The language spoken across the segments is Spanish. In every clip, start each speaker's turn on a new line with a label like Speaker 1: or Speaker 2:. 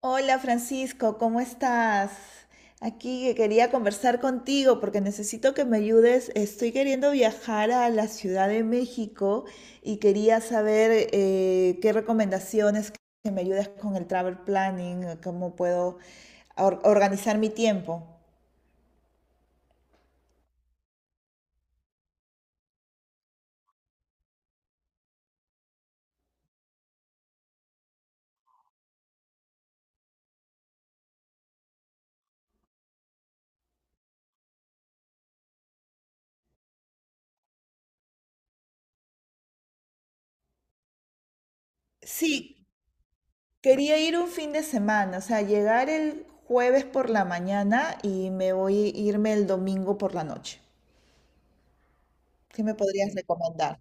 Speaker 1: Hola Francisco, ¿cómo estás? Aquí que quería conversar contigo porque necesito que me ayudes. Estoy queriendo viajar a la Ciudad de México y quería saber qué recomendaciones que me ayudes con el travel planning, cómo puedo organizar mi tiempo. Sí, quería ir un fin de semana, o sea, llegar el jueves por la mañana y me voy a irme el domingo por la noche. ¿Qué me podrías recomendar?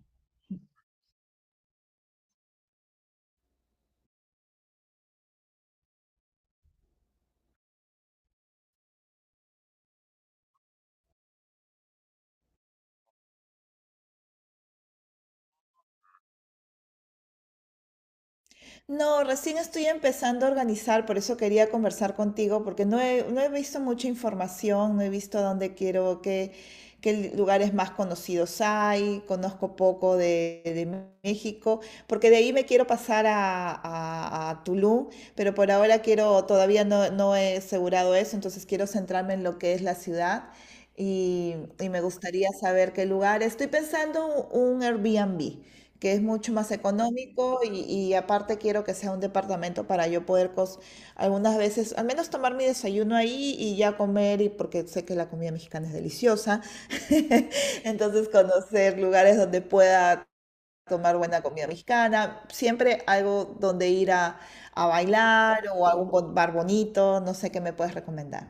Speaker 1: No, recién estoy empezando a organizar, por eso quería conversar contigo, porque no he visto mucha información, no he visto dónde quiero, qué, qué lugares más conocidos hay, conozco poco de México, porque de ahí me quiero pasar a, a Tulum, pero por ahora quiero, todavía no he asegurado eso, entonces quiero centrarme en lo que es la ciudad y me gustaría saber qué lugar. Estoy pensando un Airbnb que es mucho más económico y aparte quiero que sea un departamento para yo poder algunas veces, al menos tomar mi desayuno ahí y ya comer, y porque sé que la comida mexicana es deliciosa, entonces conocer lugares donde pueda tomar buena comida mexicana, siempre algo donde ir a bailar o algún bar bonito, no sé qué me puedes recomendar.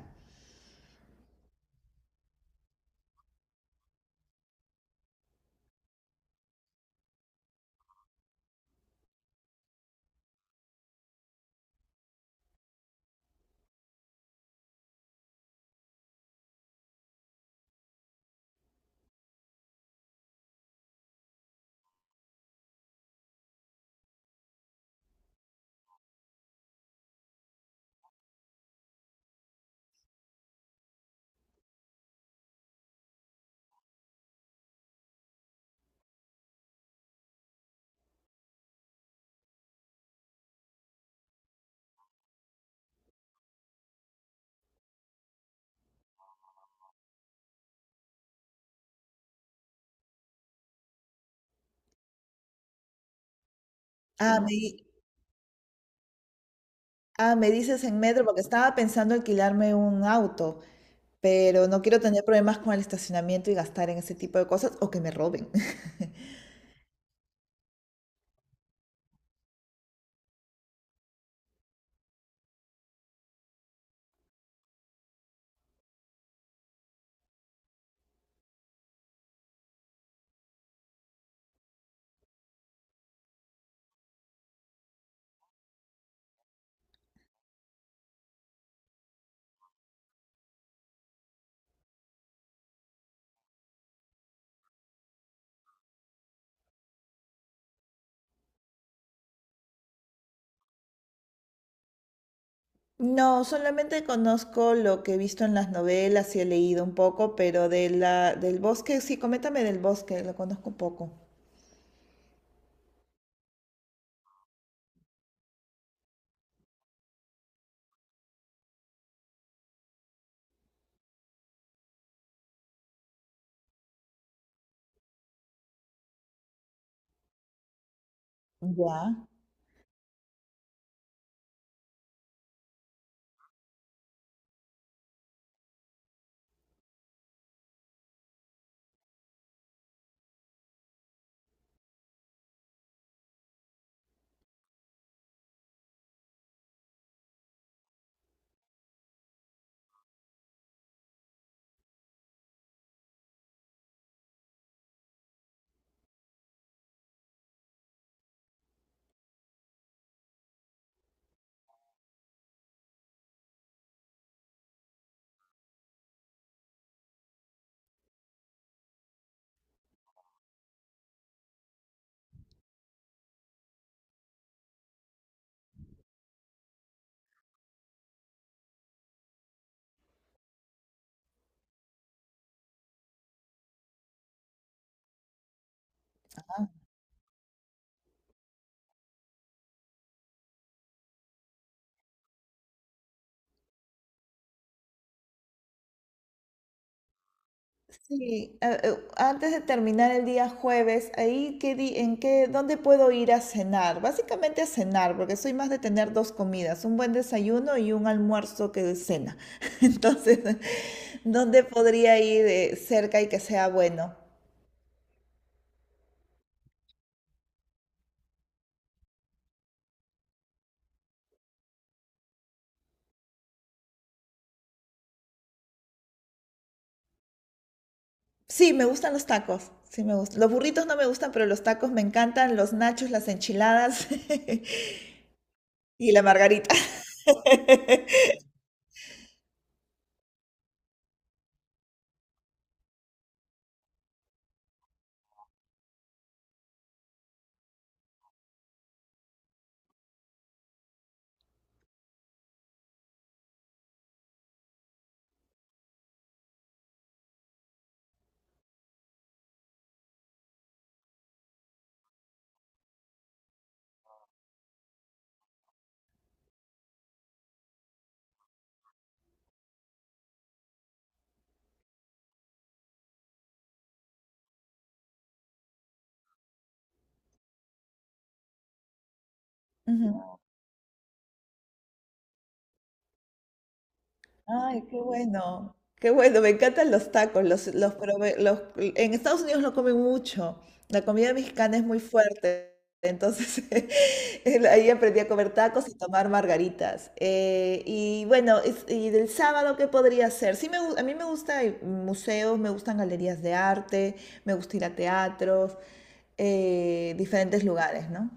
Speaker 1: Ah, me, di- ah, me dices en metro, porque estaba pensando alquilarme un auto, pero no quiero tener problemas con el estacionamiento y gastar en ese tipo de cosas o que me roben. No, solamente conozco lo que he visto en las novelas y he leído un poco, pero de la, del bosque, sí, coméntame del bosque, lo conozco un poco. Ya. Sí, antes de terminar el día jueves, ahí qué di- en qué, ¿dónde puedo ir a cenar? Básicamente a cenar, porque soy más de tener dos comidas, un buen desayuno y un almuerzo que es cena. Entonces, ¿dónde podría ir cerca y que sea bueno? Sí, me gustan los tacos. Sí, me gustan. Los burritos no me gustan, pero los tacos me encantan, los nachos, las enchiladas y la margarita. Ujú. Ay, qué bueno, me encantan los tacos, en Estados Unidos lo comen mucho, la comida mexicana es muy fuerte, entonces ahí aprendí a comer tacos y tomar margaritas. Y bueno, y del sábado, ¿qué podría hacer? Sí, a mí me gustan museos, me gustan galerías de arte, me gusta ir a teatros, diferentes lugares, ¿no?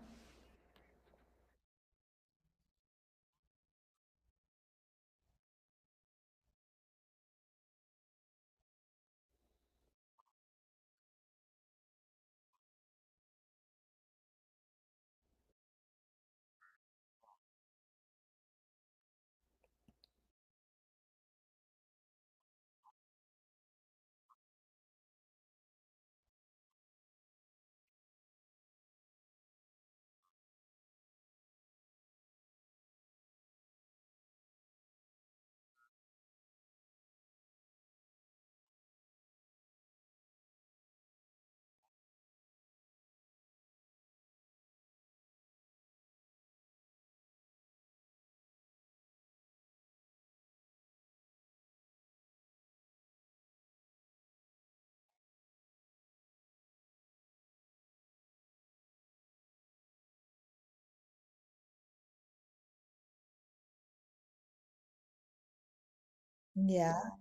Speaker 1: Ya.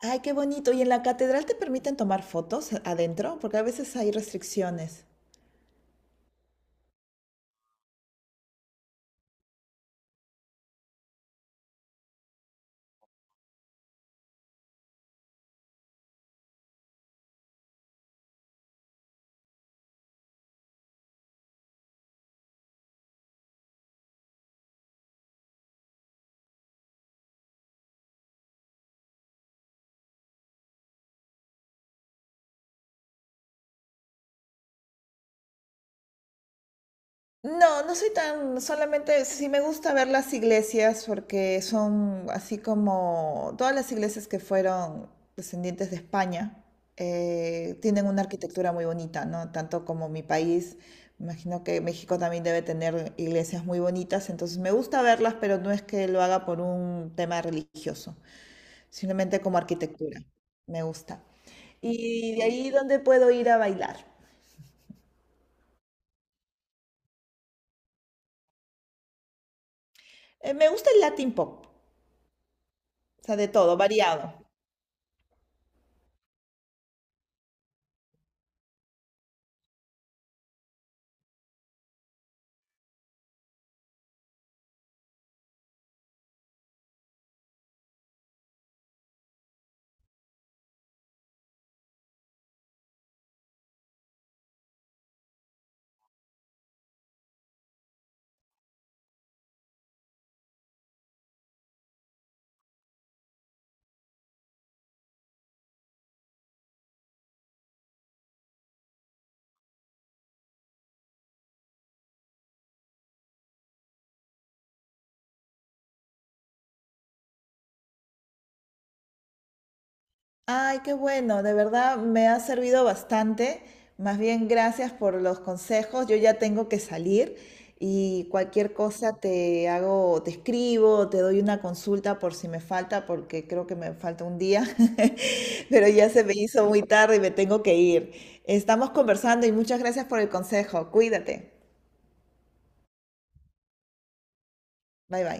Speaker 1: Ay, qué bonito. ¿Y en la catedral te permiten tomar fotos adentro? Porque a veces hay restricciones. No, no soy tan, solamente sí me gusta ver las iglesias porque son así como todas las iglesias que fueron descendientes de España tienen una arquitectura muy bonita, ¿no? Tanto como mi país, me imagino que México también debe tener iglesias muy bonitas, entonces me gusta verlas, pero no es que lo haga por un tema religioso. Simplemente como arquitectura. Me gusta. Y de ahí, ¿dónde puedo ir a bailar? Me gusta el Latin pop, o sea, de todo, variado. Ay, qué bueno, de verdad me ha servido bastante. Más bien, gracias por los consejos. Yo ya tengo que salir y cualquier cosa te hago, te escribo, te doy una consulta por si me falta, porque creo que me falta un día, pero ya se me hizo muy tarde y me tengo que ir. Estamos conversando y muchas gracias por el consejo. Cuídate. Bye bye.